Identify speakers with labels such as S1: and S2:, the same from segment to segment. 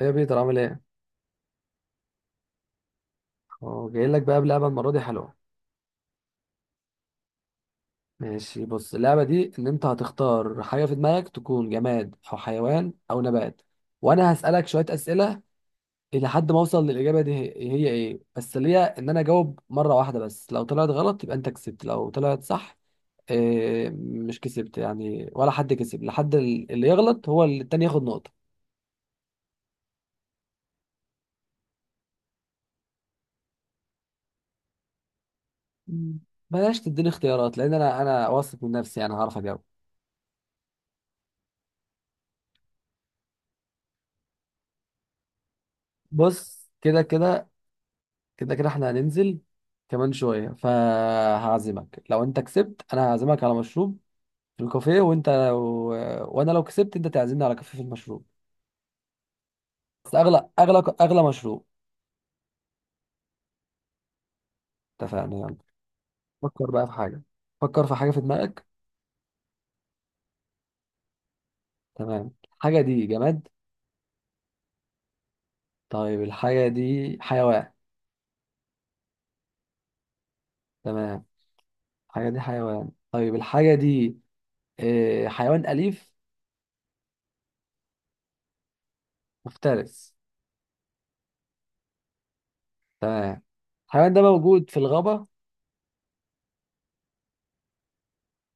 S1: ايه يا بيتر، عامل ايه؟ اه، جاي لك بقى بلعبه، المره دي حلوه. ماشي، بص، اللعبه دي ان انت هتختار حاجه في دماغك، تكون جماد او حيوان او نبات، وانا هسالك شويه اسئله الى حد ما اوصل للاجابه. دي هي ايه، بس اللي هي ان انا اجاوب مره واحده بس، لو طلعت غلط يبقى انت كسبت، لو طلعت صح إيه، مش كسبت يعني، ولا حد كسب، لحد اللي يغلط هو اللي التاني ياخد نقطه. مم. بلاش تديني اختيارات، لان انا واثق من نفسي، يعني هعرف اجاوب. بص كده كده. كده كده احنا هننزل كمان شوية، فهعزمك لو انت كسبت، انا هعزمك على مشروب في الكافيه، وانت. وانا لو كسبت، انت تعزمني على كافيه في المشروب. بس اغلى اغلى اغلى مشروب. اتفقنا، يلا. فكر بقى في حاجة. فكر في حاجة في دماغك. تمام، الحاجة دي جماد؟ طيب الحاجة دي حيوان؟ تمام، الحاجة دي حيوان. طيب الحاجة دي اه، حيوان أليف؟ مفترس. تمام، الحيوان ده موجود في الغابة.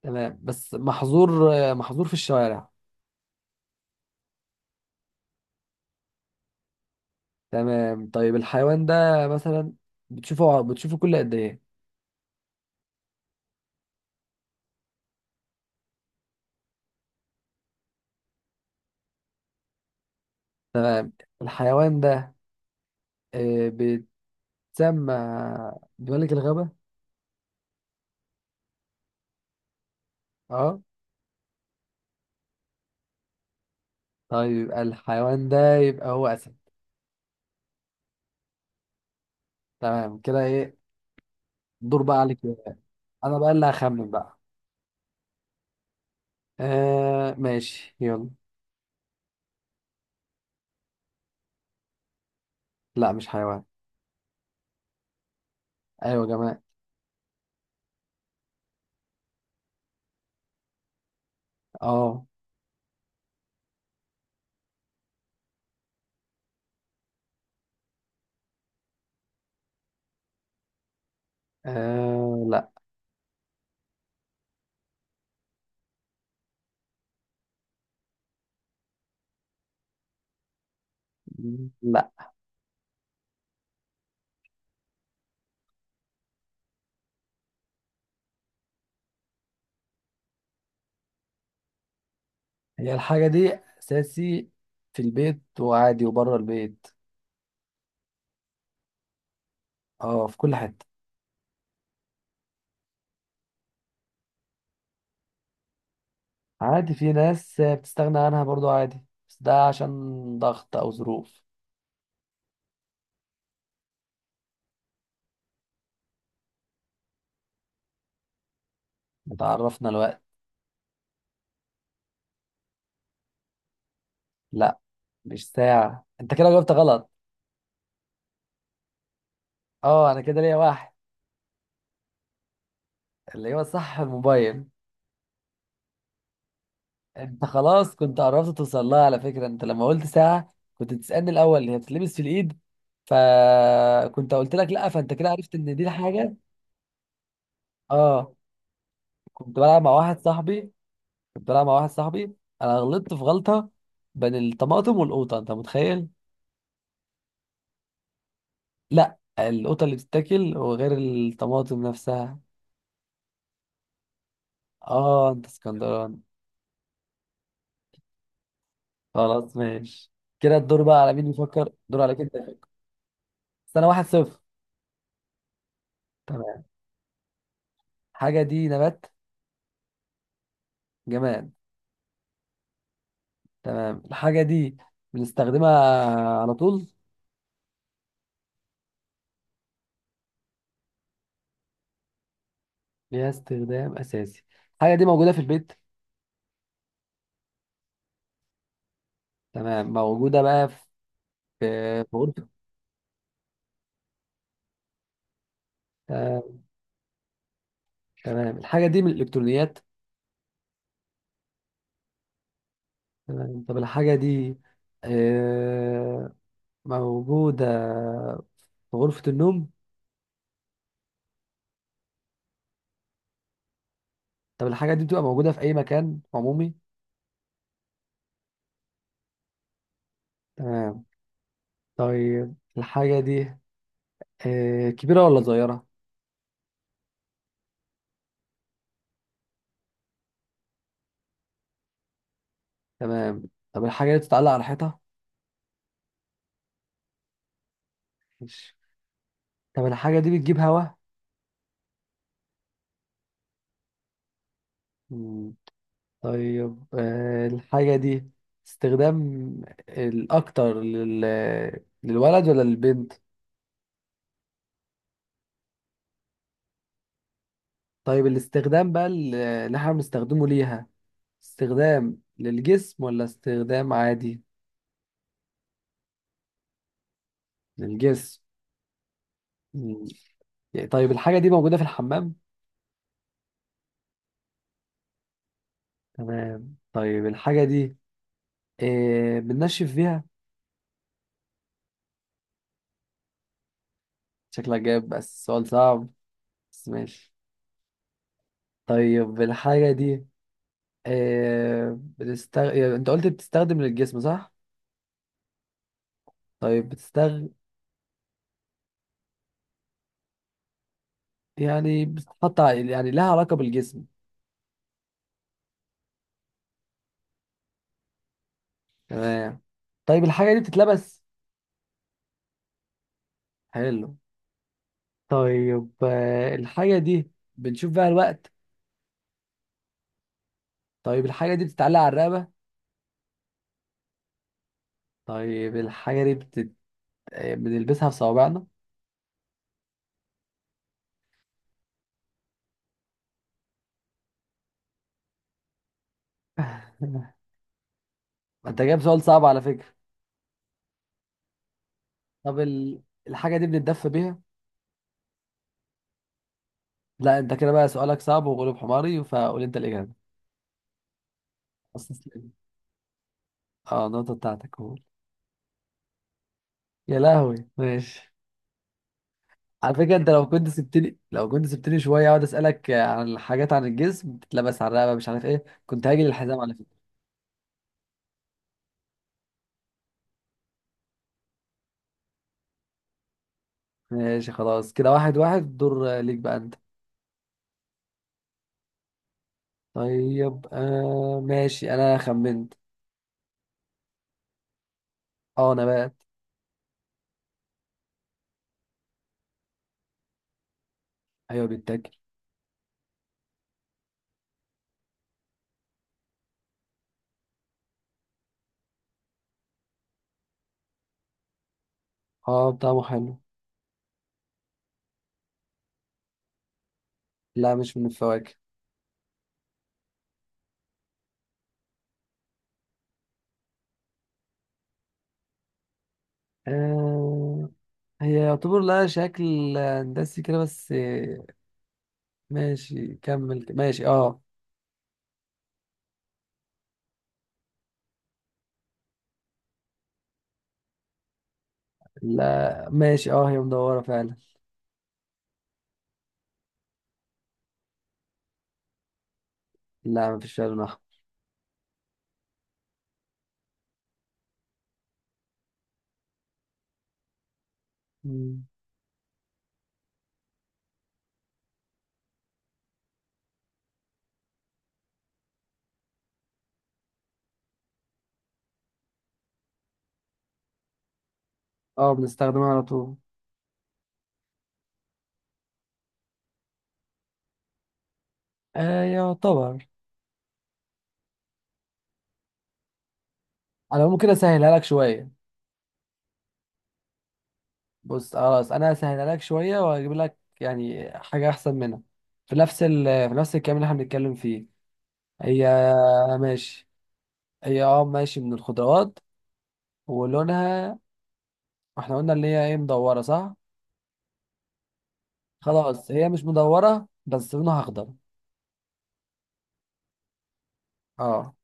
S1: تمام، بس محظور في الشوارع. تمام، طيب الحيوان ده مثلا بتشوفه كل قد ايه؟ تمام، الحيوان ده بيتسمى بملك الغابة. اه، طيب الحيوان ده يبقى هو أسد. تمام، كده ايه، دور بقى عليك يلا. انا بقى اللي هخمن بقى. آه ماشي، يلا. لا، مش حيوان. ايوه يا جماعة. اه. لا. لا. هي الحاجة دي اساسي في البيت وعادي وبره البيت. اه، في كل حتة. عادي، في ناس بتستغنى عنها برضو عادي، بس ده عشان ضغط او ظروف. تعرفنا الوقت. لا، مش ساعة، انت كده جاوبت غلط. اه، انا كده ليا واحد. اللي هو صح، الموبايل. انت خلاص كنت قربت توصل لها، على فكرة، انت لما قلت ساعة كنت تسألني الاول هي بتتلبس في الايد، فكنت قلت لك لا، فانت كده عرفت ان دي الحاجة. اه. كنت بلعب مع واحد صاحبي. كنت بلعب مع واحد صاحبي، انا غلطت في غلطة بين الطماطم والقوطة، انت متخيل؟ لا، القطة اللي بتتاكل، وغير الطماطم نفسها. اه، انت اسكندراني، خلاص ماشي. كده الدور بقى على مين بيفكر، دور عليك انت يفكر. سنة واحد صفر. تمام، الحاجة دي نبات؟ جماد. تمام، الحاجة دي بنستخدمها على طول؟ ليها استخدام أساسي. الحاجة دي موجودة في البيت؟ تمام، موجودة بقى في، في غرفة. آه، تمام، الحاجة دي من الإلكترونيات؟ تمام، طب الحاجة دي آه، موجودة في غرفة النوم؟ طب الحاجة دي بتبقى موجودة في أي مكان عمومي؟ تمام، طيب الحاجة دي كبيرة ولا صغيرة؟ تمام، طب الحاجة دي بتتعلق على حيطة؟ ماشي. طب الحاجة دي بتجيب هوا؟ مم. طيب الحاجة دي استخدام الأكتر للولد ولا للبنت؟ طيب الاستخدام بقى اللي احنا بنستخدمه ليها، استخدام للجسم ولا استخدام عادي؟ للجسم. مم. يعني طيب الحاجة دي موجودة في الحمام؟ تمام، طيب الحاجة دي إيه، بننشف فيها؟ شكلك جايب بس سؤال صعب، بس ماشي. طيب الحاجة دي إيه، يعني انت قلت بتستخدم للجسم صح؟ طيب، يعني يعني لها علاقة بالجسم. تمام، طيب الحاجة دي بتتلبس؟ حلو. طيب الحاجة دي بنشوف بيها الوقت؟ طيب الحاجة دي بتتعلق على الرقبة؟ طيب الحاجة دي بتت... آه، بنلبسها في صوابعنا؟ انت جايب سؤال صعب على فكرة. طب الحاجة دي بنتدفى بيها؟ لا، انت كده بقى سؤالك صعب وغلب حماري، فقول انت الإجابة. استسلم، اه، النقطة بتاعتك، قول. يا لهوي، ماشي. على فكرة، انت لو كنت سبتني، شوية اقعد اسألك عن الحاجات، عن الجسم بتتلبس على الرقبة مش عارف ايه، كنت هاجي للحزام على فكرة. ماشي، خلاص، كده واحد واحد، دور ليك بقى انت. طيب ماشي، انا خمنت. اه، نبات. ايوه بيتاكل. اه، طعمه حلو. لا، مش من الفواكه. آه، هي يعتبر لها شكل هندسي كده بس، ماشي كمل، ماشي اه. لا ماشي، اه، هي مدورة فعلا. لا، مفيش فيها لون أحمر. مم. اه، بنستخدمها على طول. آه، يعتبر. انا ممكن اسهلها لك شوية. بص، خلاص، انا هسهلها لك شوية واجيب لك يعني حاجة احسن منها، في نفس الكلام اللي احنا بنتكلم فيه. هي. ماشي، هي اه ماشي، من الخضروات، ولونها، احنا قلنا اللي هي ايه، مدورة صح. خلاص، هي مش مدورة بس لونها أخضر. اه.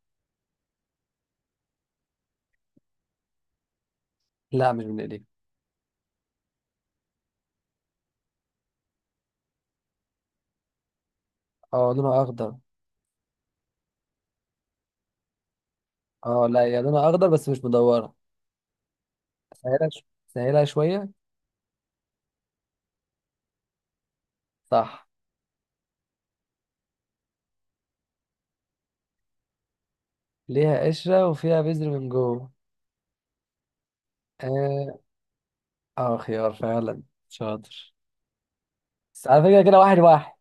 S1: لا، مش من إيديك. اه، لونها أخضر. اه لا، هي لونها أخضر بس مش مدورة. سهلها شوية. صح. ليها قشرة وفيها بذر من جوه. اه، خيار فعلا. شاطر. بس على فكرة كده واحد واحد.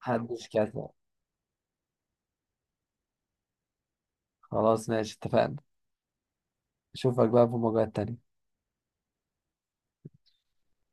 S1: محدش كسب. خلاص ماشي، اتفقنا. أشوفك بقى في مواجهات تانية.